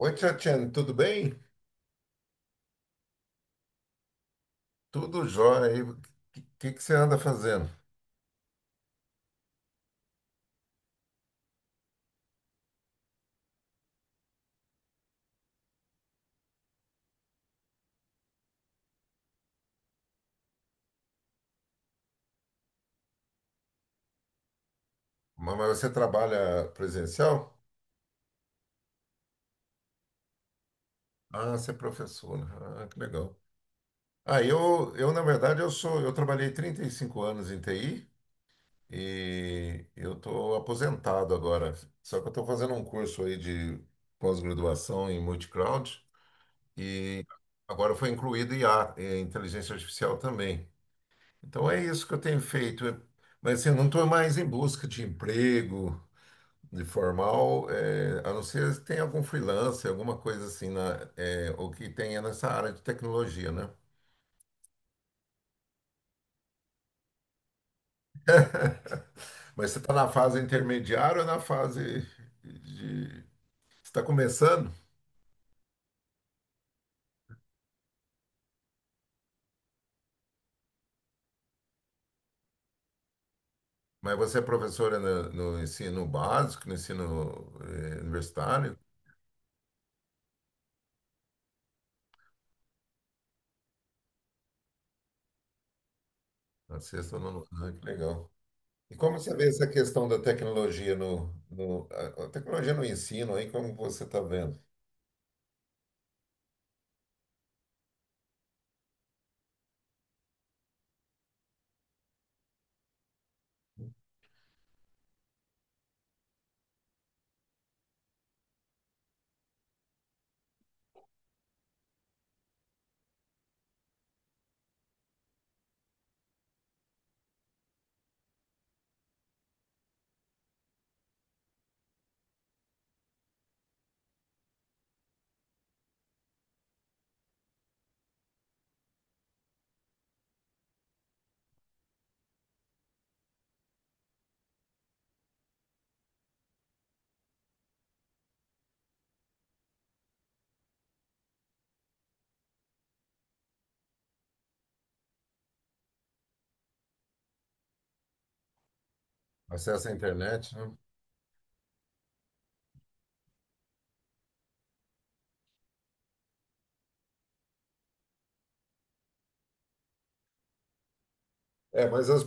Oi, Tchatchen, tudo bem? Tudo jóia aí. O que você anda fazendo? Mas você trabalha presencial? Ah, você é professora. Ah, que legal. Ah, eu na verdade, eu trabalhei 35 anos em TI e eu estou aposentado agora. Só que eu estou fazendo um curso aí de pós-graduação em multicloud e agora foi incluído IA, inteligência artificial também. Então é isso que eu tenho feito. Mas assim, eu não estou mais em busca de emprego. De formal, é, a não ser se tem algum freelancer, alguma coisa assim, na, é, o que tenha nessa área de tecnologia, né? Mas você está na fase intermediária ou na fase de... Você está começando, mas você é professora no ensino básico, no ensino universitário, na sexta, ou nono ano, que legal. E como você vê essa questão da tecnologia a tecnologia no ensino aí, como você está vendo? Acesso à internet, né? É, mas as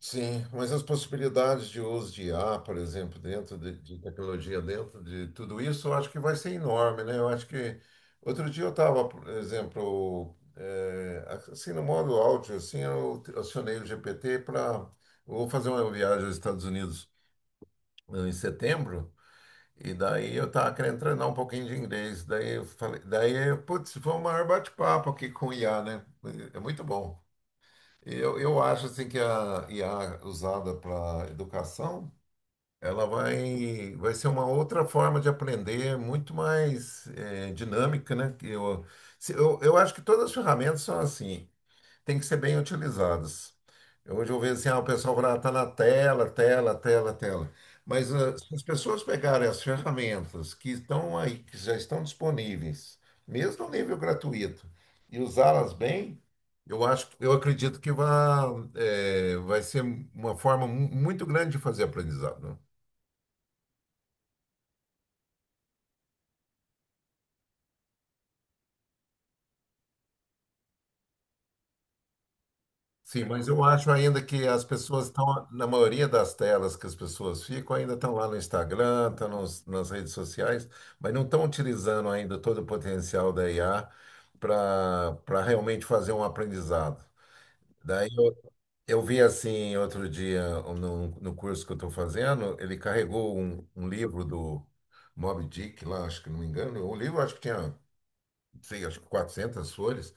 Sim, mas as possibilidades de uso de IA, por exemplo, de tecnologia, dentro de tudo isso, eu acho que vai ser enorme, né? Eu acho que outro dia eu estava, por exemplo, assim no modo áudio, assim, eu acionei o GPT para vou fazer uma viagem aos Estados Unidos em setembro e daí eu estava querendo treinar um pouquinho de inglês, daí eu falei, daí putz, foi um maior bate-papo aqui com o IA, né? É muito bom. Eu acho assim que a IA usada para educação, vai ser uma outra forma de aprender, muito mais dinâmica, né? Que Eu, se- eu acho que todas as ferramentas são assim têm que ser bem utilizadas. Hoje eu vejo assim, ah, o pessoal fala, está na tela, tela, tela, tela. Mas ah, se as pessoas pegarem as ferramentas que estão aí, que já estão disponíveis, mesmo no nível gratuito, e usá-las bem, eu acredito que vai ser uma forma muito grande de fazer aprendizado. Sim, mas eu acho ainda que na maioria das telas que as pessoas ficam, ainda estão lá no Instagram, nas redes sociais, mas não estão utilizando ainda todo o potencial da IA para realmente fazer um aprendizado. Daí eu, eu vi assim outro dia no curso que eu estou fazendo, ele carregou um livro do Moby Dick lá, acho que não me engano, o livro acho que tinha, não sei, acho que 400 folhas,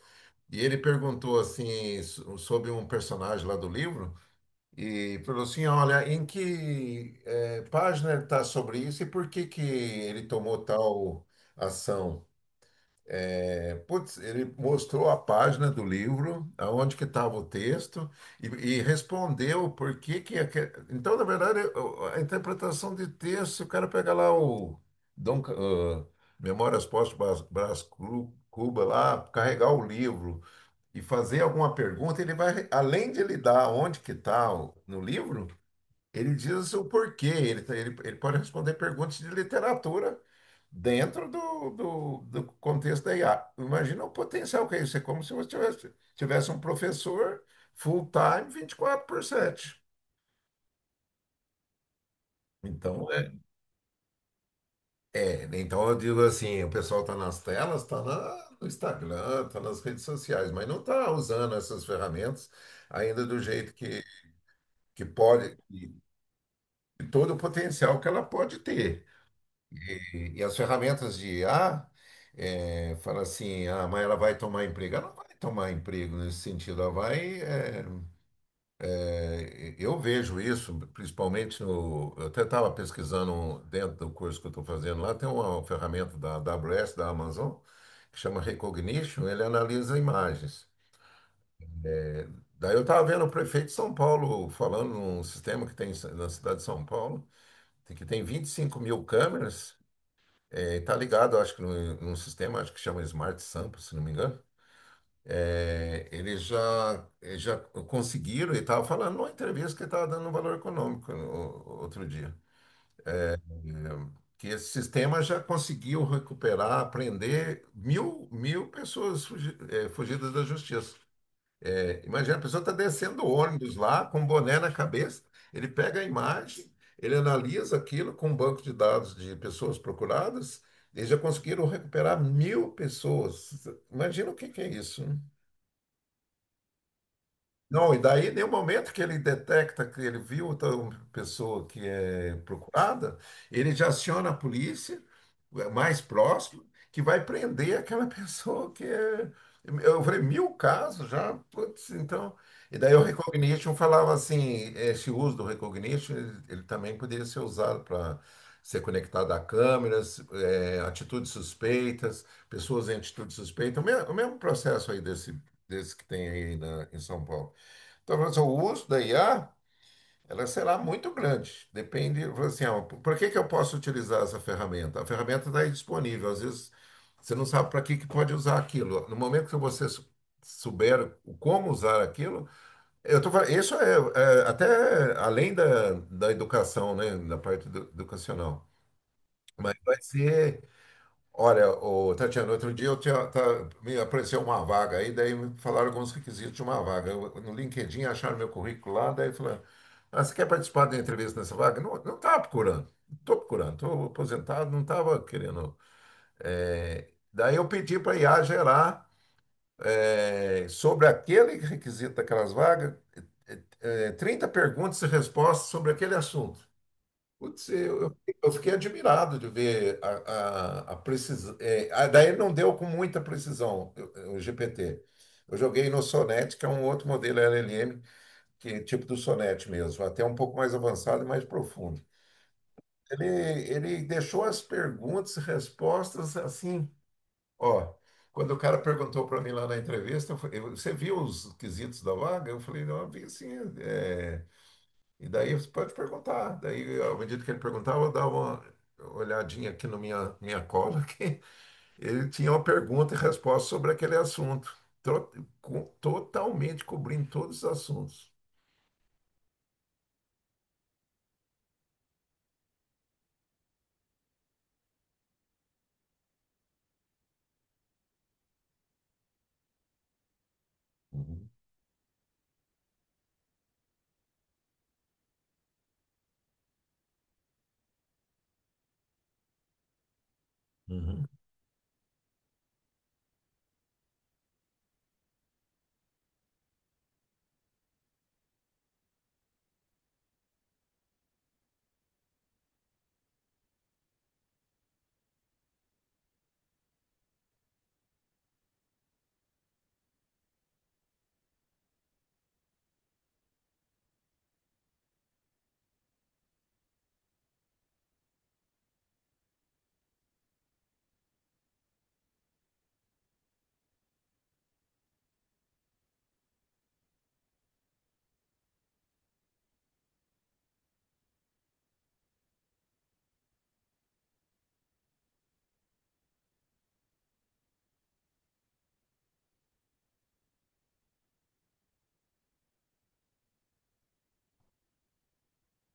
e ele perguntou assim sobre um personagem lá do livro. E falou assim, olha, em que página ele está sobre isso e por que que ele tomou tal ação? É, putz, ele mostrou a página do livro, aonde que estava o texto e respondeu por que é que... Então, na verdade, a interpretação de texto, se o cara pega lá o Dom, Ca- ah, Memórias Póstumas Brás Cuba lá, carregar o livro e fazer alguma pergunta, ele vai, além de ele dar onde que está no livro, ele diz assim o porquê, ele pode responder perguntas de literatura dentro do contexto da IA. Imagina o potencial que é isso, é como se você tivesse um professor full-time vinte e quatro por 7. Então, é, é, então eu digo assim, o pessoal está nas telas, está no Instagram, está nas redes sociais, mas não está usando essas ferramentas ainda do jeito que pode, e todo o potencial que ela pode ter. E as ferramentas de IA, fala assim, ah, mas ela vai tomar emprego. Ela não vai tomar emprego nesse sentido, ela vai. Eh, eh, eu vejo isso, principalmente no. Eu até estava pesquisando dentro do curso que eu estou fazendo lá, tem uma ferramenta da AWS, da Amazon, que chama Recognition, ele analisa imagens. Daí eu estava vendo o prefeito de São Paulo falando num sistema que tem na cidade de São Paulo, que tem 25.000 câmeras. Está ligado, acho que num sistema, acho que chama Smart Sample, se não me engano. É, eles já conseguiram, e estava falando numa entrevista que estava dando um valor econômico outro dia. É, que esse sistema já conseguiu recuperar, prender 1.000 pessoas fugidas da justiça. É, imagina, a pessoa está descendo o ônibus lá, com um boné na cabeça, ele pega a imagem, ele analisa aquilo com um banco de dados de pessoas procuradas, eles já conseguiram recuperar 1.000 pessoas. Imagina o que que é isso, não, e daí, no momento que ele detecta que ele viu outra pessoa que é procurada, ele já aciona a polícia mais próxima, que vai prender aquela pessoa que é. Eu falei, 1.000 casos já, putz, então. E daí o recognition falava assim: esse uso do recognition, ele também poderia ser usado para ser conectado a câmeras, atitudes suspeitas, pessoas em atitudes suspeitas, o mesmo processo aí desse que tem aí em São Paulo. Então, mas o uso da IA, ela será muito grande. Depende, assim, ó, para que que eu posso utilizar essa ferramenta? A ferramenta está aí disponível. Às vezes, você não sabe para que que pode usar aquilo. No momento que você souber o como usar aquilo, eu tô falando, isso é, é até além da educação, né, da parte educacional. Mas vai ser Olha, ô, Tatiana, outro dia me apareceu uma vaga aí, daí me falaram alguns requisitos de uma vaga. No LinkedIn acharam meu currículo lá, daí falaram, ah, você quer participar da entrevista nessa vaga? Não, não estava procurando, não estou procurando, estou aposentado, não estava querendo. É, daí eu pedi para a IA gerar é, sobre aquele requisito daquelas vagas, é, 30 perguntas e respostas sobre aquele assunto. Putz, eu fiquei admirado de ver precisão. Daí ele não deu com muita precisão o GPT. Eu joguei no Sonnet, que é um outro modelo LLM, que é tipo do Sonnet mesmo, até um pouco mais avançado e mais profundo. Ele, ele deixou as perguntas e respostas assim, ó. Quando o cara perguntou para mim lá na entrevista, eu falei, você viu os quesitos da vaga? Eu falei, não, eu vi sim. é, e daí você pode perguntar. Daí, à medida que ele perguntava, eu dava uma olhadinha aqui na minha cola, que ele tinha uma pergunta e resposta sobre aquele assunto. Tro- Totalmente cobrindo todos os assuntos. Uhum. Uhum.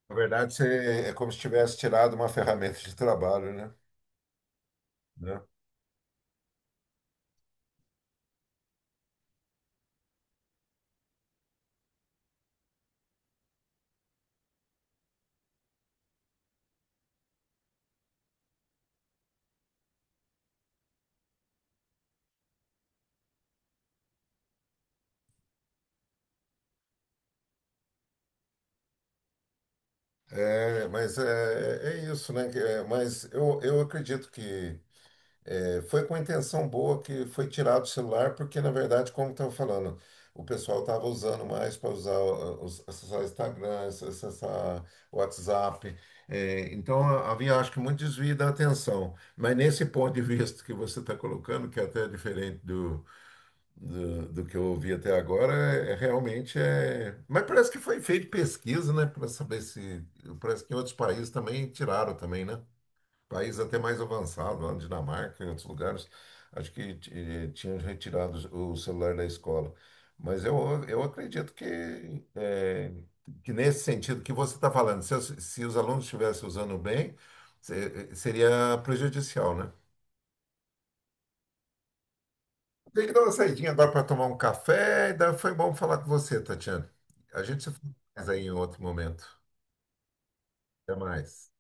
Na verdade, você, é como se tivesse tirado uma ferramenta de trabalho, né? Né? É, mas é, é isso, né? Mas eu acredito que É, foi com intenção boa que foi tirado o celular, porque na verdade, como eu estava falando, o pessoal estava usando mais para usar acessar o Instagram, acessar o WhatsApp. É, então havia, acho que, muito desvio da atenção. Mas nesse ponto de vista que você está colocando, que é até diferente do que eu ouvi até agora, é, é, realmente é. Mas parece que foi feito pesquisa, né, para saber se. Parece que em outros países também tiraram também, né? País até mais avançado, lá na Dinamarca, em outros lugares, acho que tinham retirado o celular da escola. Mas eu acredito que, eh, que nesse sentido que você está falando, se os alunos estivessem usando bem, seria prejudicial, né? Tem que dar uma saidinha agora para tomar um café, e daí foi bom falar com você, Tatiana. A gente se fala mais aí em outro momento. Até mais.